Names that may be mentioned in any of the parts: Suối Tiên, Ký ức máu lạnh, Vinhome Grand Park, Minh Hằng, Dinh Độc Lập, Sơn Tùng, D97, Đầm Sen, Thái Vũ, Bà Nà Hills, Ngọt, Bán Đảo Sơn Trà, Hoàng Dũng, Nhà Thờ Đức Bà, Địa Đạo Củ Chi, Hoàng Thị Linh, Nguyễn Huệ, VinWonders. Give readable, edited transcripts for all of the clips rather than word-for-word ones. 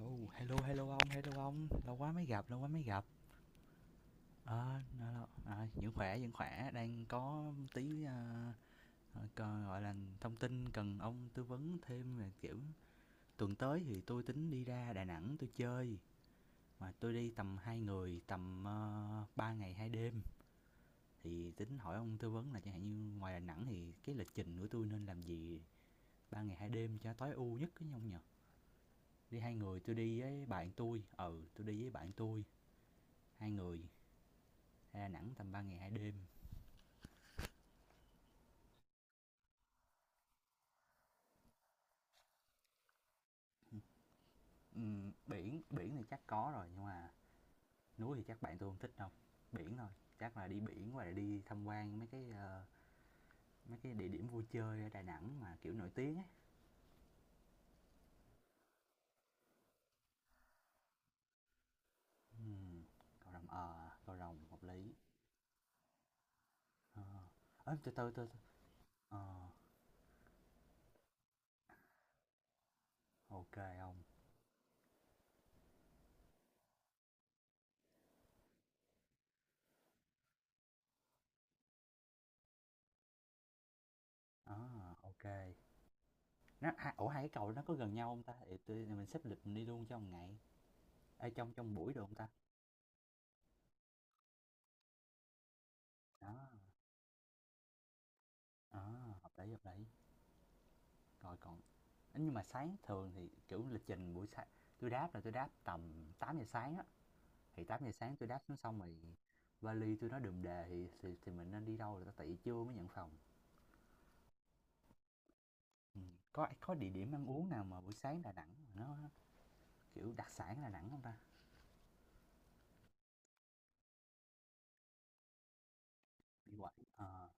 Ồ, hello hello ông, lâu quá mới gặp, lâu quá mới gặp. Ờ, nó- vẫn khỏe, đang có tí gọi là thông tin cần ông tư vấn thêm về kiểu tuần tới thì tôi tính đi ra Đà Nẵng tôi chơi, mà tôi đi tầm hai người, tầm 3 ngày hai đêm. Thì tính hỏi ông tư vấn là chẳng hạn như ngoài Đà Nẵng thì cái lịch trình của tôi nên làm gì ba ngày hai đêm cho tối ưu nhất cái ông nhỉ? Đi hai người, tôi đi với bạn tôi, ừ, tôi đi với bạn tôi, hai người, Đà Nẵng tầm 3 ngày 2 đêm. Biển biển thì chắc có rồi nhưng mà núi thì chắc bạn tôi không thích đâu. Biển thôi, chắc là đi biển và đi tham quan mấy cái mấy cái địa điểm vui chơi ở Đà Nẵng mà kiểu nổi tiếng ấy. Ừm, cầu rồng cầu rồng hợp lý. Ờ, ơ từ từ từ, ờ, ok không, ờ à, ok. Ủa, hai cái cầu nó có gần nhau không ta? Thì tôi, mình xếp lịch mình đi luôn trong ngày, ở trong trong buổi được không ta? Đó, ờ, hợp lý hợp lý. Rồi còn ấy, nhưng mà sáng thường thì, kiểu, lịch trình buổi sáng tôi đáp là tôi đáp tầm 8 giờ sáng á, thì 8 giờ sáng tôi đáp xuống xong rồi vali tôi nó đùm đề thì mình nên đi đâu là tại vì trưa mới nhận phòng. Có địa điểm ăn uống nào mà buổi sáng Đà Nẵng mà nó, kiểu, đặc sản Đà Nẵng không ta? Đi quẩy ờ,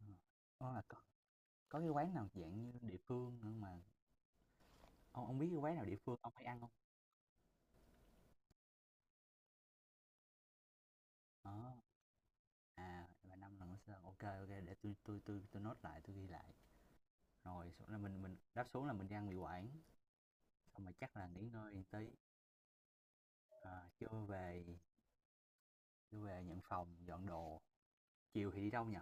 ờ. Ơ, mà có cái quán nào dạng như địa phương nữa mà ông biết cái quán nào địa phương ông hay ăn không? Ờ, à, là năm lần ở Sài, ok. Ô, để tôi note lại, tôi ghi lại. Rồi là mình đáp xuống là mình đi ăn mì quảng, xong rồi chắc là nghỉ ngơi một tí, à, trưa về, chưa về nhận phòng dọn đồ. Chiều thì đi đâu nhỉ?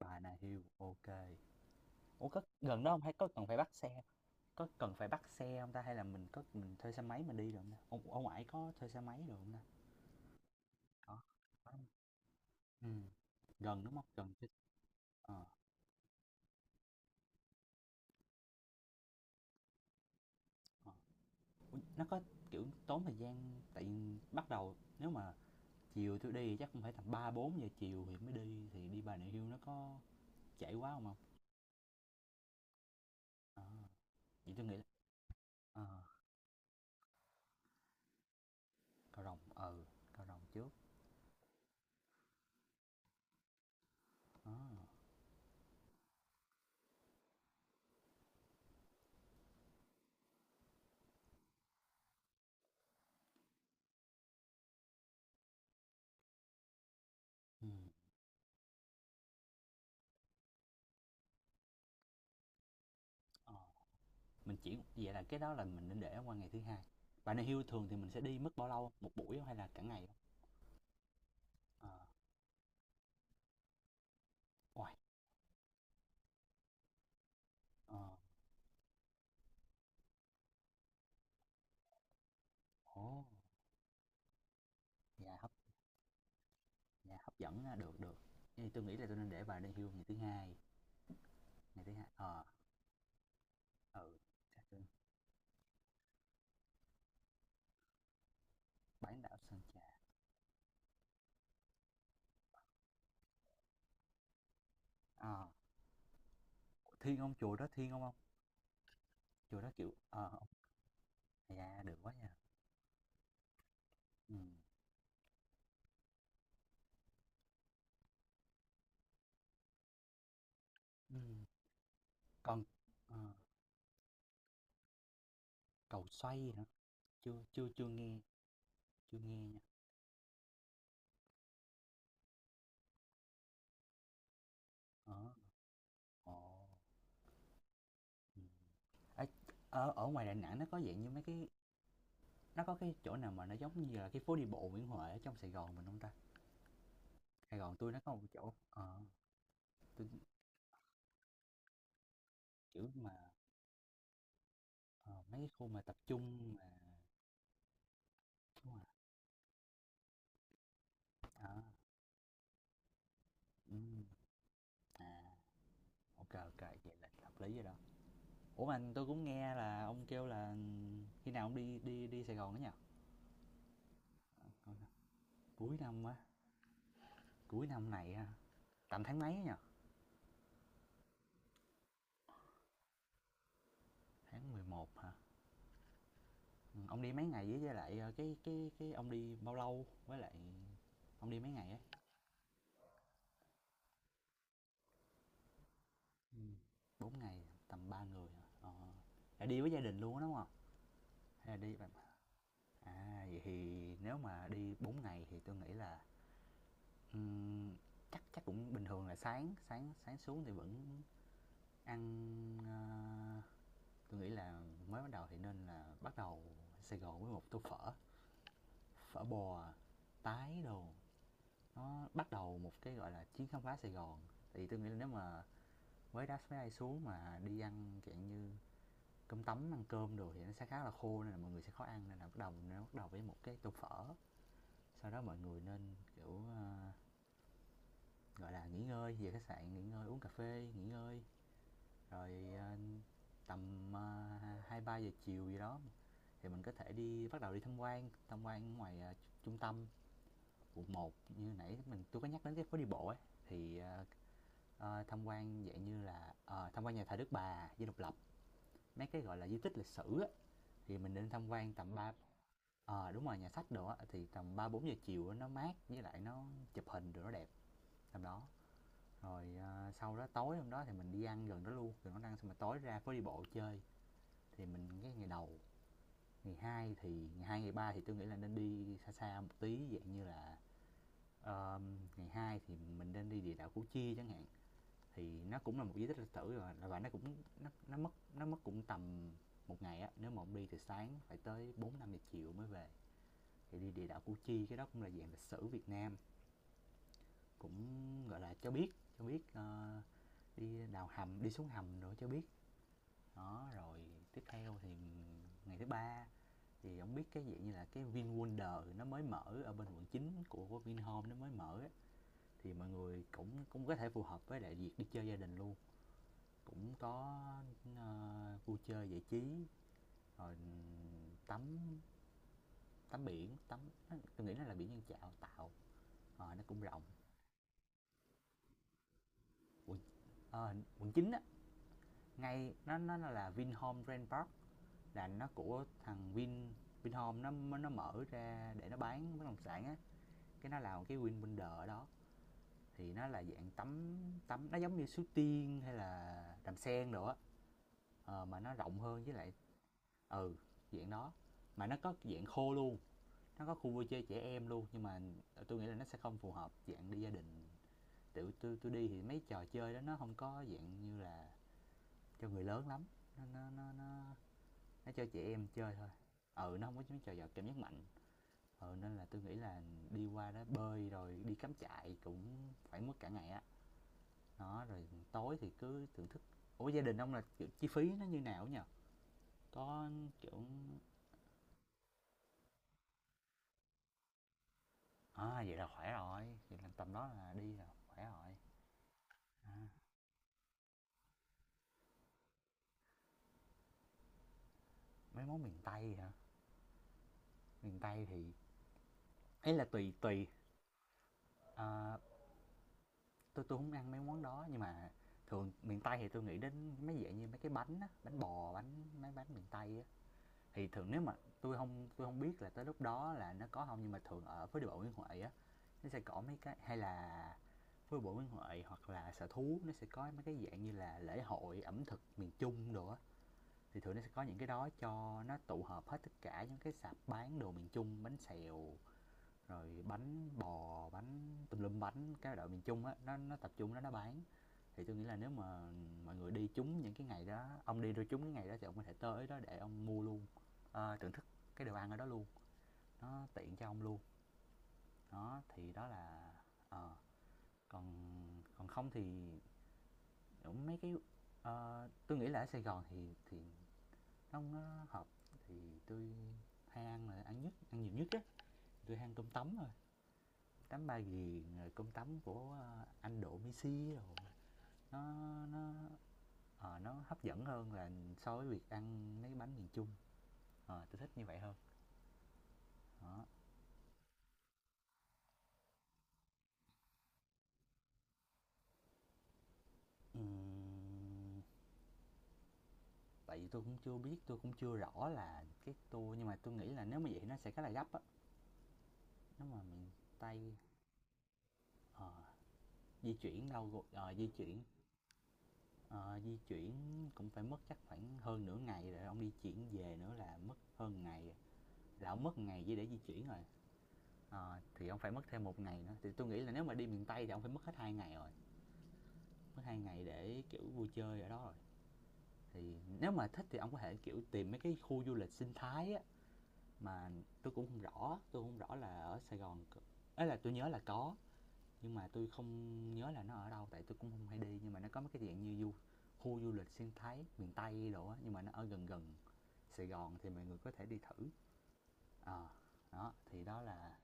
Bà Nà Hills ok, ủa có gần đó không hay có cần phải bắt xe, có cần phải bắt xe không ta, hay là mình có mình thuê xe máy mình đi được không ta, ông ải có thuê xe máy được không ta, có có không? Ừ, gần đúng không, gần chứ, ờ, ờ. Ủa, nó có kiểu tốn thời gian tại bắt đầu, nếu mà chiều tôi đi chắc cũng phải tầm ba bốn giờ chiều thì mới đi thì đi Bà Nà Hills nó có trễ quá không không, à, vậy tôi nghĩ là ờ, Cao Rồng ừ, Cao Rồng trước. Ờ, ừ, ờ. Mình chỉ vậy là cái đó là mình nên để qua ngày thứ hai. Bà Nà Hills thường thì mình sẽ đi mất bao lâu, một buổi không hay là cả ngày không? Ờ, uầy, ờ, ồ, dạ hấp, dạ hấp dẫn ha, được được. Thì tôi nghĩ là tôi nên để bà Lê Hưu ngày thứ hai, ngày thứ hai. Ờ, ừ, chắc tôi bán đảo Sơn Trà. Ờ, Thiên ông chùa đó, Thiên ông không? Chùa đó kiểu, ờ, dạ, được quá nha. Ừm, ừm, còn, ờ, cầu xoay gì nữa, Chưa chưa chưa nghe, chưa nghe nha. Ờ, ồ, ừm. Ấy, ở ở ngoài Đà Nẵng nó có dạng như mấy cái, nó có cái chỗ nào mà nó giống như là cái phố đi bộ Nguyễn Huệ ở trong Sài Gòn mình hông ta? Sài Gòn tôi nó có một chỗ ờ, tui kiểu mà, ờ, mấy cái khu mà tập trung mà đúng rồi, đó, ừm, à, ô kê, vậy là hợp lý rồi đó. Ủa, mà tôi cũng nghe là ông kêu là khi nào ông đi đi đi Sài Gòn đó nhỉ? Ờ, cuối năm á, cuối năm này ha, tầm tháng mấy á nhỉ? tháng 11 hả? Ừ, ông đi mấy ngày với lại ờ, cái ông đi bao lâu với lại ông đi mấy ngày ấy? Ừ. 4 ngày tầm 3 người hả? Ờ. Là đi với gia đình luôn á đúng không? Hay là đi bạn? À vậy thì nếu mà đi 4 ngày thì tôi nghĩ là ừm, chắc chắc cũng bình thường là sáng sáng sáng xuống thì vẫn ăn, ờ, tôi nghĩ là mới bắt đầu thì nên là bắt đầu Sài Gòn với một tô phở, phở bò tái đồ, nó bắt đầu một cái gọi là chuyến khám phá Sài Gòn. Thì tôi nghĩ là nếu mà với đá máy bay xuống mà đi ăn dạng như cơm tấm ăn cơm đồ thì nó sẽ khá là khô nên là mọi người sẽ khó ăn, nên là bắt đầu nó bắt đầu với một cái tô phở, sau đó mọi người nên kiểu ờ, gọi là nghỉ ngơi về khách sạn nghỉ ngơi uống cà phê nghỉ ngơi, rồi ờ, tầm ờ, hai ba giờ chiều gì đó thì mình có thể đi bắt đầu đi tham quan ngoài ờ, trung tâm quận một như nãy tôi có nhắc đến cái phố đi bộ ấy, thì ờ, ờ, tham quan dạng như là ờ, tham quan nhà thờ Đức Bà, Dinh Độc Lập, mấy cái gọi là di tích lịch sử á, thì mình nên tham quan tầm ba, ờ à, đúng rồi nhà sách đồ á thì tầm 3 4 giờ chiều á, nó mát với lại nó chụp hình rồi nó đẹp tầm đó. Rồi ờ, sau đó tối hôm đó thì mình đi ăn gần đó luôn, rồi nó ăn xong mà tối ra phố đi bộ chơi thì mình cái ngày đầu ngày hai thì ngày ba thì tôi nghĩ là nên đi xa xa một tí dạng như là ờ, ngày hai thì mình nên đi địa đạo Củ Chi chẳng hạn, thì nó cũng là một di tích lịch sử rồi và nó cũng nó mất cũng tầm một ngày á, nếu mà ông đi từ sáng phải tới bốn năm giờ chiều mới về, thì đi địa đạo Củ Chi cái đó cũng là dạng lịch sử Việt Nam, cũng gọi là cho biết, cho biết ờ, đi đào hầm đi xuống hầm rồi cho biết. Đó rồi tiếp theo thì ngày thứ ba thì ông biết cái dạng như là cái VinWonder nó mới mở ở bên quận 9 của Vinhome nó mới mở á, thì mọi người cũng cũng có thể phù hợp với đại việc đi chơi gia đình luôn. Cũng có, ơ, vui chơi giải trí, rồi tắm, tắm biển, tắm, tôi nghĩ nó là biển Nhân Chạo, Tạo, ờ, nó cũng rộng. Quận ờ, quận 9 á, ngay nó là Vinhome Grand Park, là nó của thằng Vin, Vinhome nó mở ra để nó bán bất động sản á, cái nó làm cái Vinwonders ở đó. Thì nó là dạng tắm, tắm nó giống như Suối Tiên hay là Đàm Sen đồ á, ờ, mà nó rộng hơn với lại ừ, dạng đó, mà nó có dạng khô luôn. Nó có khu vui chơi trẻ em luôn nhưng mà tôi nghĩ là nó sẽ không phù hợp dạng đi gia đình, tự tôi đi thì mấy trò chơi đó nó không có dạng như là cho người lớn lắm, nó nó cho trẻ em chơi thôi, ừ nó không có mấy trò giò cảm giác mạnh. Ừ nên là tôi nghĩ là đi qua đó bơi rồi đi cắm trại cũng phải mất cả ngày á. Đó rồi tối thì cứ thưởng thức, ủa gia đình ông là kiểu chi phí nó như nào á, có kiểu, à vậy là khỏe rồi, vậy là tầm đó là đi là khỏe rồi. Mấy món miền tây hả, miền Tây thì ấy là tùy tùy, à, tôi không ăn mấy món đó, nhưng mà thường miền Tây thì tôi nghĩ đến mấy dạng như mấy cái bánh á, bánh bò, bánh mấy bánh miền Tây á, thì thường nếu mà tôi không, tôi không biết là tới lúc đó là nó có không nhưng mà thường ở phố đi bộ Nguyễn Huệ á, nó sẽ có mấy cái hay là phố đi bộ Nguyễn Huệ hoặc là Sở Thú nó sẽ có mấy cái dạng như là lễ hội ẩm thực miền Trung đồ á, thì thường nó sẽ có những cái đó cho nó tụ hợp hết tất cả những cái sạp bán đồ miền Trung, bánh xèo, rồi bánh bò, bánh tùm lum bánh, cái đội miền Trung á, nó tập trung đó nó bán. Thì tôi nghĩ là nếu mà mọi người đi trúng những cái ngày đó, ông đi rồi trúng cái ngày đó thì ông có thể tới đó để ông mua luôn, ờ, thưởng thức cái đồ ăn ở đó luôn, nó tiện cho ông luôn. Đó, thì đó là ờ, còn còn không thì cũng mấy cái ờ, tôi nghĩ là ở Sài Gòn thì nó hợp, thì tôi hay ăn là ăn nhất, ăn nhiều nhất á, tôi hay ăn cơm tấm, rồi tắm ba ghiền, rồi cơm tấm của ờ, anh độ messi, rồi nó nó ờ, nó hấp dẫn hơn là so với việc ăn mấy cái bánh miền trung, à tôi thích như vậy hơn. Đó, ừm, tại vì tôi cũng chưa biết, tôi cũng chưa rõ là cái tour, nhưng mà tôi nghĩ là nếu mà vậy nó sẽ khá là gấp á, nếu mà miền tây ờ, di chuyển đâu rồi- ờ, di chuyển cũng phải mất chắc khoảng hơn nửa ngày rồi ông đi chuyển về nữa là mất hơn ngày rồi. Là ông mất ngày chỉ để di chuyển rồi. Ờ, thì ông phải mất thêm một ngày nữa, thì tôi nghĩ là nếu mà đi miền Tây thì ông phải mất hết hai ngày rồi, mất hai ngày để kiểu vui chơi ở đó rồi. Thì nếu mà thích thì ông có thể kiểu tìm mấy cái khu du lịch sinh thái á, mà tôi cũng không rõ, tôi không rõ là ở Sài Gòn ấy là tôi nhớ là có, nhưng mà tôi không nhớ là nó ở đâu tại tôi cũng không hay đi, nhưng mà nó có mấy cái dạng như du, khu du lịch sinh thái miền Tây đồ á nhưng mà nó ở gần gần Sài Gòn, thì mọi người có thể đi thử. Ờ, đó thì đó là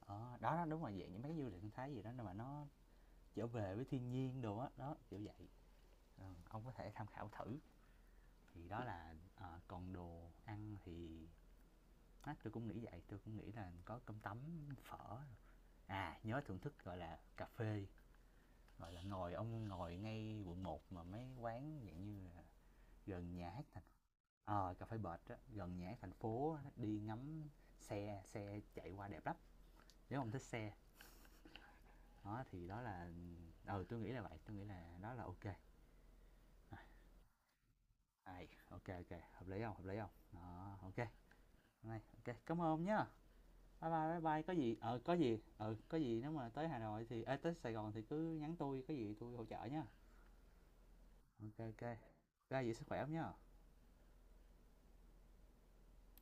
ờ, đó, đó đúng là dạng những mấy cái du lịch sinh thái gì đó nhưng mà nó trở về với thiên nhiên đồ á, đó đó kiểu vậy. Ừ, ông có thể tham khảo thử. Thì đó là ờ, còn đồ ăn thì á, tôi cũng nghĩ vậy, tôi cũng nghĩ là có cơm tấm, phở, à nhớ thưởng thức gọi là cà phê, gọi là ngồi ông ngồi ngay quận một mà mấy quán dạng như là gần nhà hát thành, ờ à, cà phê bệt á gần nhà hát thành phố á, đi ngắm xe, xe chạy qua đẹp lắm nếu ông thích xe. Đó thì đó là ừ tôi nghĩ là vậy, tôi nghĩ là đó là ok. Hay, ok ok, hợp lý không? Hợp lý không? Đó, ok. Này, ok, cảm ơn nhá. Bye bye, bye bye, có gì ờ, có gì ừ, có gì nếu mà tới Hà Nội thì ê, tới Sài Gòn thì cứ nhắn tôi, có gì tôi hỗ trợ nha. Ok, ok. Ra vậy sức khỏe hông nhá.